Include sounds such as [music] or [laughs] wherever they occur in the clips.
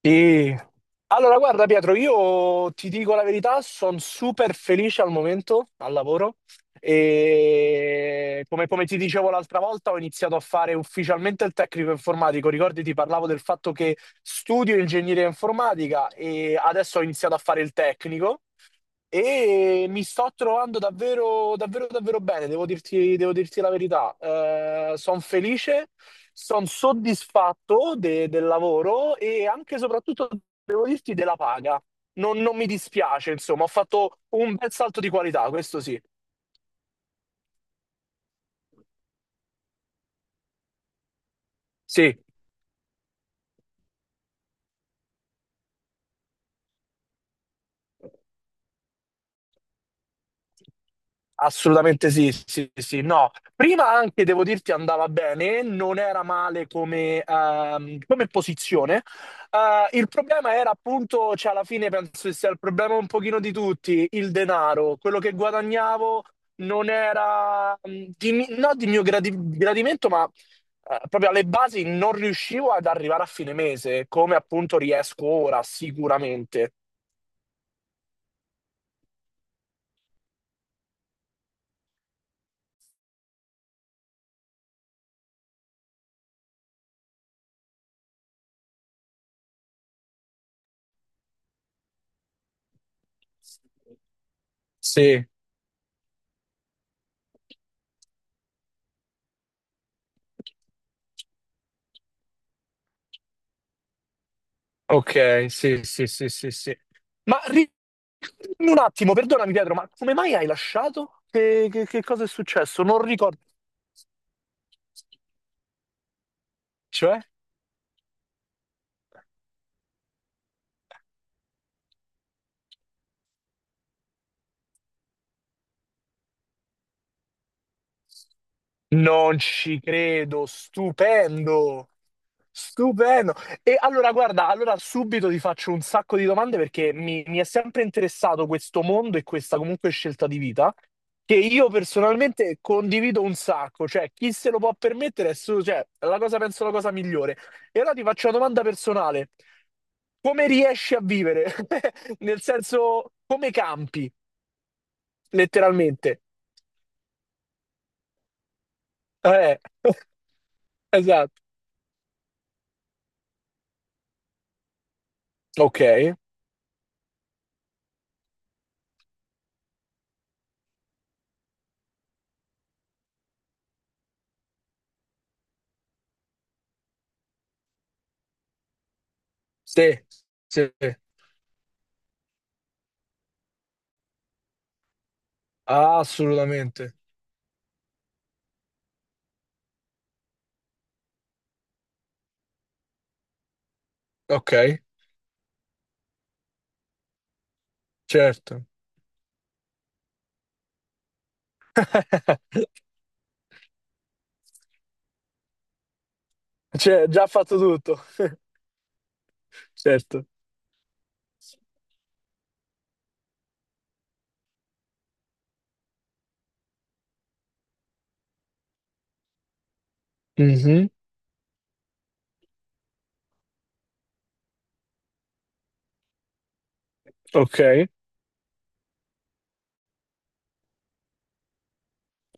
Sì. Allora, guarda Pietro, io ti dico la verità, sono super felice al momento, al lavoro, e come ti dicevo l'altra volta ho iniziato a fare ufficialmente il tecnico informatico, ricordi ti parlavo del fatto che studio ingegneria informatica e adesso ho iniziato a fare il tecnico e mi sto trovando davvero, davvero, davvero bene, devo dirti la verità. Sono felice, sono soddisfatto del lavoro e anche e soprattutto, devo dirti, della paga. Non mi dispiace, insomma, ho fatto un bel salto di qualità, questo sì. Sì. Assolutamente sì, sì, sì, no. Prima anche, devo dirti, andava bene, non era male come posizione. Il problema era appunto, cioè alla fine penso che sia il problema un pochino di tutti, il denaro. Quello che guadagnavo non era, di no di mio gradimento, ma proprio alle basi non riuscivo ad arrivare a fine mese, come appunto riesco ora, sicuramente. Sì. Ok, sì, sì, sì, sì, sì. Ma ri- dimmi un attimo, perdonami Pietro, ma come mai hai lasciato? Che cosa è successo? Non ricordo. Cioè? Non ci credo, stupendo, stupendo. E allora, guarda, allora subito ti faccio un sacco di domande perché mi è sempre interessato questo mondo e questa comunque scelta di vita che io personalmente condivido un sacco, cioè chi se lo può permettere è solo, cioè, è la cosa, penso, la cosa migliore. E allora ti faccio una domanda personale. Come riesci a vivere? [laughs] Nel senso, come campi, letteralmente. Eh, [laughs] esatto. Ok. Sì, sì, assolutamente. Ok, certo. [laughs] Cioè, già fatto tutto. [laughs] Certo. Mhm. Ok,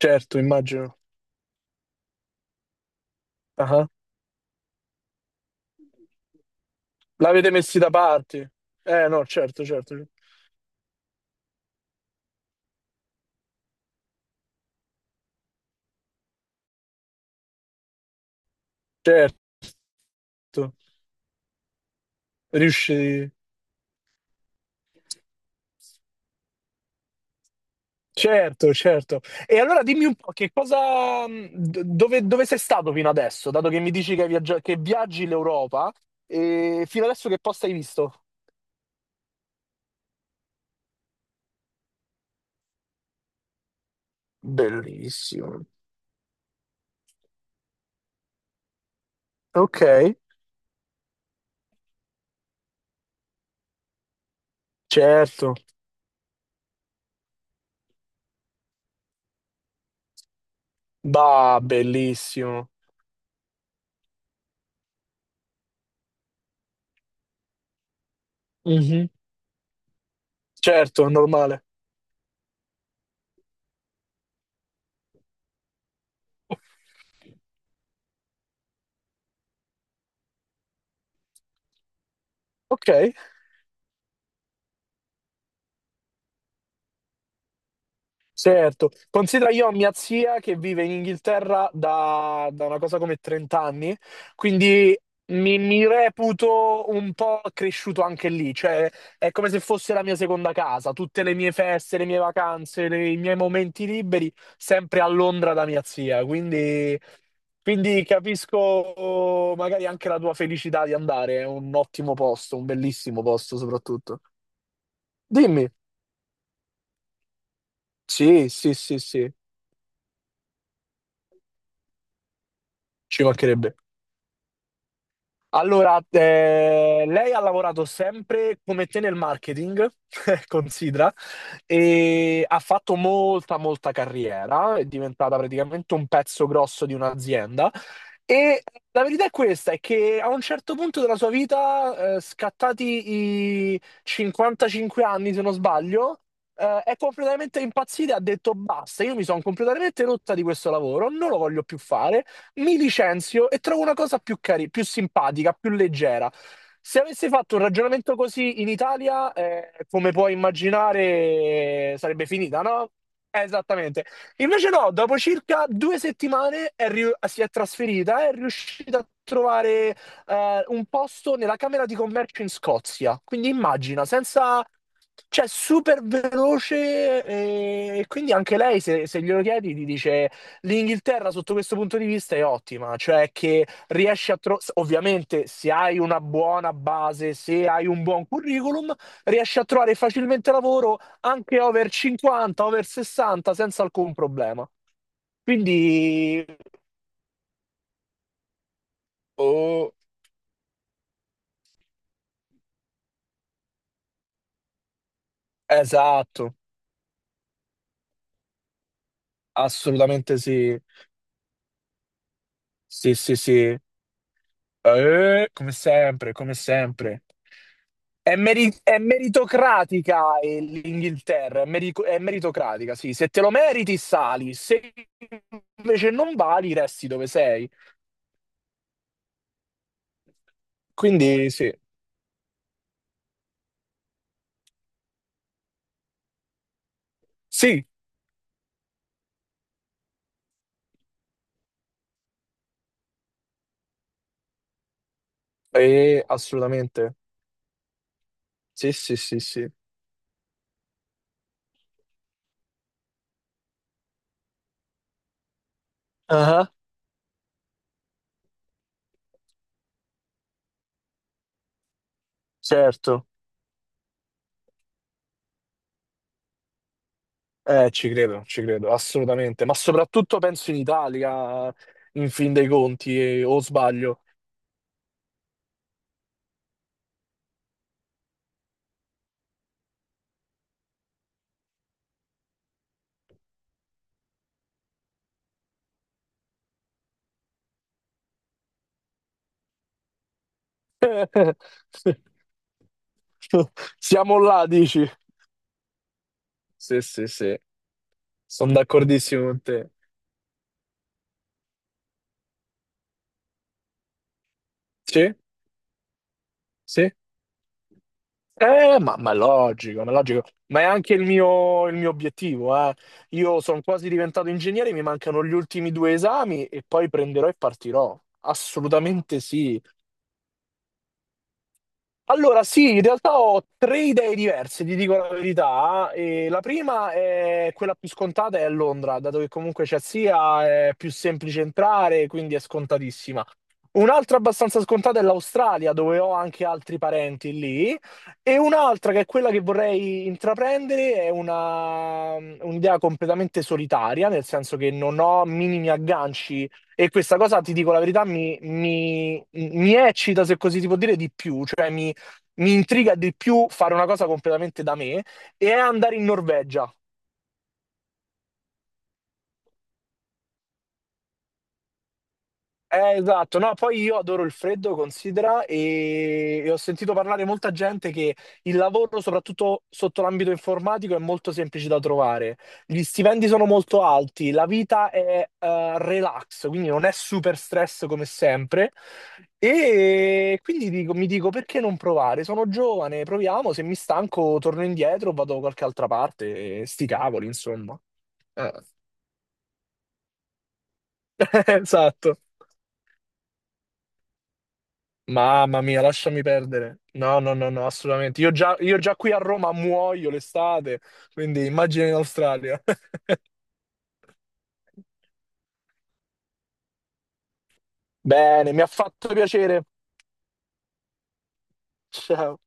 certo, immagino. Ah, l'avete messi da parte? No, certo, certo, certo. Riusci... Certo, certo. E allora dimmi un po' che cosa... Dove sei stato fino adesso? Dato che mi dici che, hai che viaggi l'Europa, e fino adesso che posto hai visto? Bellissimo. Ok. Certo. Bah, bellissimo. Mh-mh. Certo, normale. Okay. Certo, considera io ho mia zia che vive in Inghilterra da una cosa come 30 anni, quindi mi reputo un po' cresciuto anche lì, cioè è come se fosse la mia seconda casa, tutte le mie feste, le mie vacanze, i miei momenti liberi, sempre a Londra da mia zia, quindi, quindi capisco magari anche la tua felicità di andare, è un ottimo posto, un bellissimo posto soprattutto. Dimmi, sì, sì, sì, sì, ci mancherebbe. Allora, lei ha lavorato sempre come te nel marketing, [laughs] considera, e ha fatto molta, molta carriera, è diventata praticamente un pezzo grosso di un'azienda. E la verità è questa, è che a un certo punto della sua vita, scattati i 55 anni, se non sbaglio, è completamente impazzita e ha detto basta, io mi sono completamente rotta di questo lavoro, non lo voglio più fare, mi licenzio e trovo una cosa più carina, più simpatica, più leggera. Se avessi fatto un ragionamento così in Italia, come puoi immaginare, sarebbe finita, no? Esattamente. Invece no, dopo circa due settimane è si è trasferita, è riuscita a trovare un posto nella Camera di Commercio in Scozia. Quindi immagina, senza... cioè super veloce e quindi anche lei se glielo chiedi ti dice l'Inghilterra sotto questo punto di vista è ottima, cioè che riesci a trovare, ovviamente se hai una buona base, se hai un buon curriculum, riesci a trovare facilmente lavoro anche over 50, over 60 senza alcun problema. Quindi, oh, esatto, assolutamente sì, sì, sì, sì. Come sempre, come sempre. È meritocratica l'Inghilterra, è meritocratica, sì. Se te lo meriti, sali. Se invece non vali, resti dove sei. Quindi sì. Sì, assolutamente. Sì, sì, sì, sì. Ah, certo. Ci credo, assolutamente. Ma soprattutto penso in Italia, in fin dei conti, o sbaglio. [laughs] Siamo là, dici? Sì, sì, sì, sono d'accordissimo con te. Sì, sì. Ma è logico, ma è logico. Ma è anche il mio obiettivo, eh. Io sono quasi diventato ingegnere, mi mancano gli ultimi due esami e poi prenderò e partirò. Assolutamente sì. Allora, sì, in realtà ho tre idee diverse, ti dico la verità. Eh. E la prima è quella più scontata, è a Londra, dato che comunque c'è sia, è più semplice entrare, quindi è scontatissima. Un'altra abbastanza scontata è l'Australia, dove ho anche altri parenti lì, e un'altra che è quella che vorrei intraprendere è una, un'idea completamente solitaria, nel senso che non ho minimi agganci e questa cosa, ti dico la verità, mi eccita, se così si può dire, di più, cioè mi intriga di più fare una cosa completamente da me e è andare in Norvegia. Esatto. No, poi io adoro il freddo, considera, e ho sentito parlare molta gente che il lavoro, soprattutto sotto l'ambito informatico, è molto semplice da trovare. Gli stipendi sono molto alti, la vita è relax, quindi non è super stress come sempre. E quindi mi dico, perché non provare? Sono giovane, proviamo, se mi stanco torno indietro, vado da qualche altra parte, e sti cavoli, insomma. Eh, [laughs] esatto. Mamma mia, lasciami perdere. No, no, no, no, assolutamente. Io già qui a Roma muoio l'estate, quindi immagina in Australia. [laughs] Bene, mi ha fatto piacere. Ciao.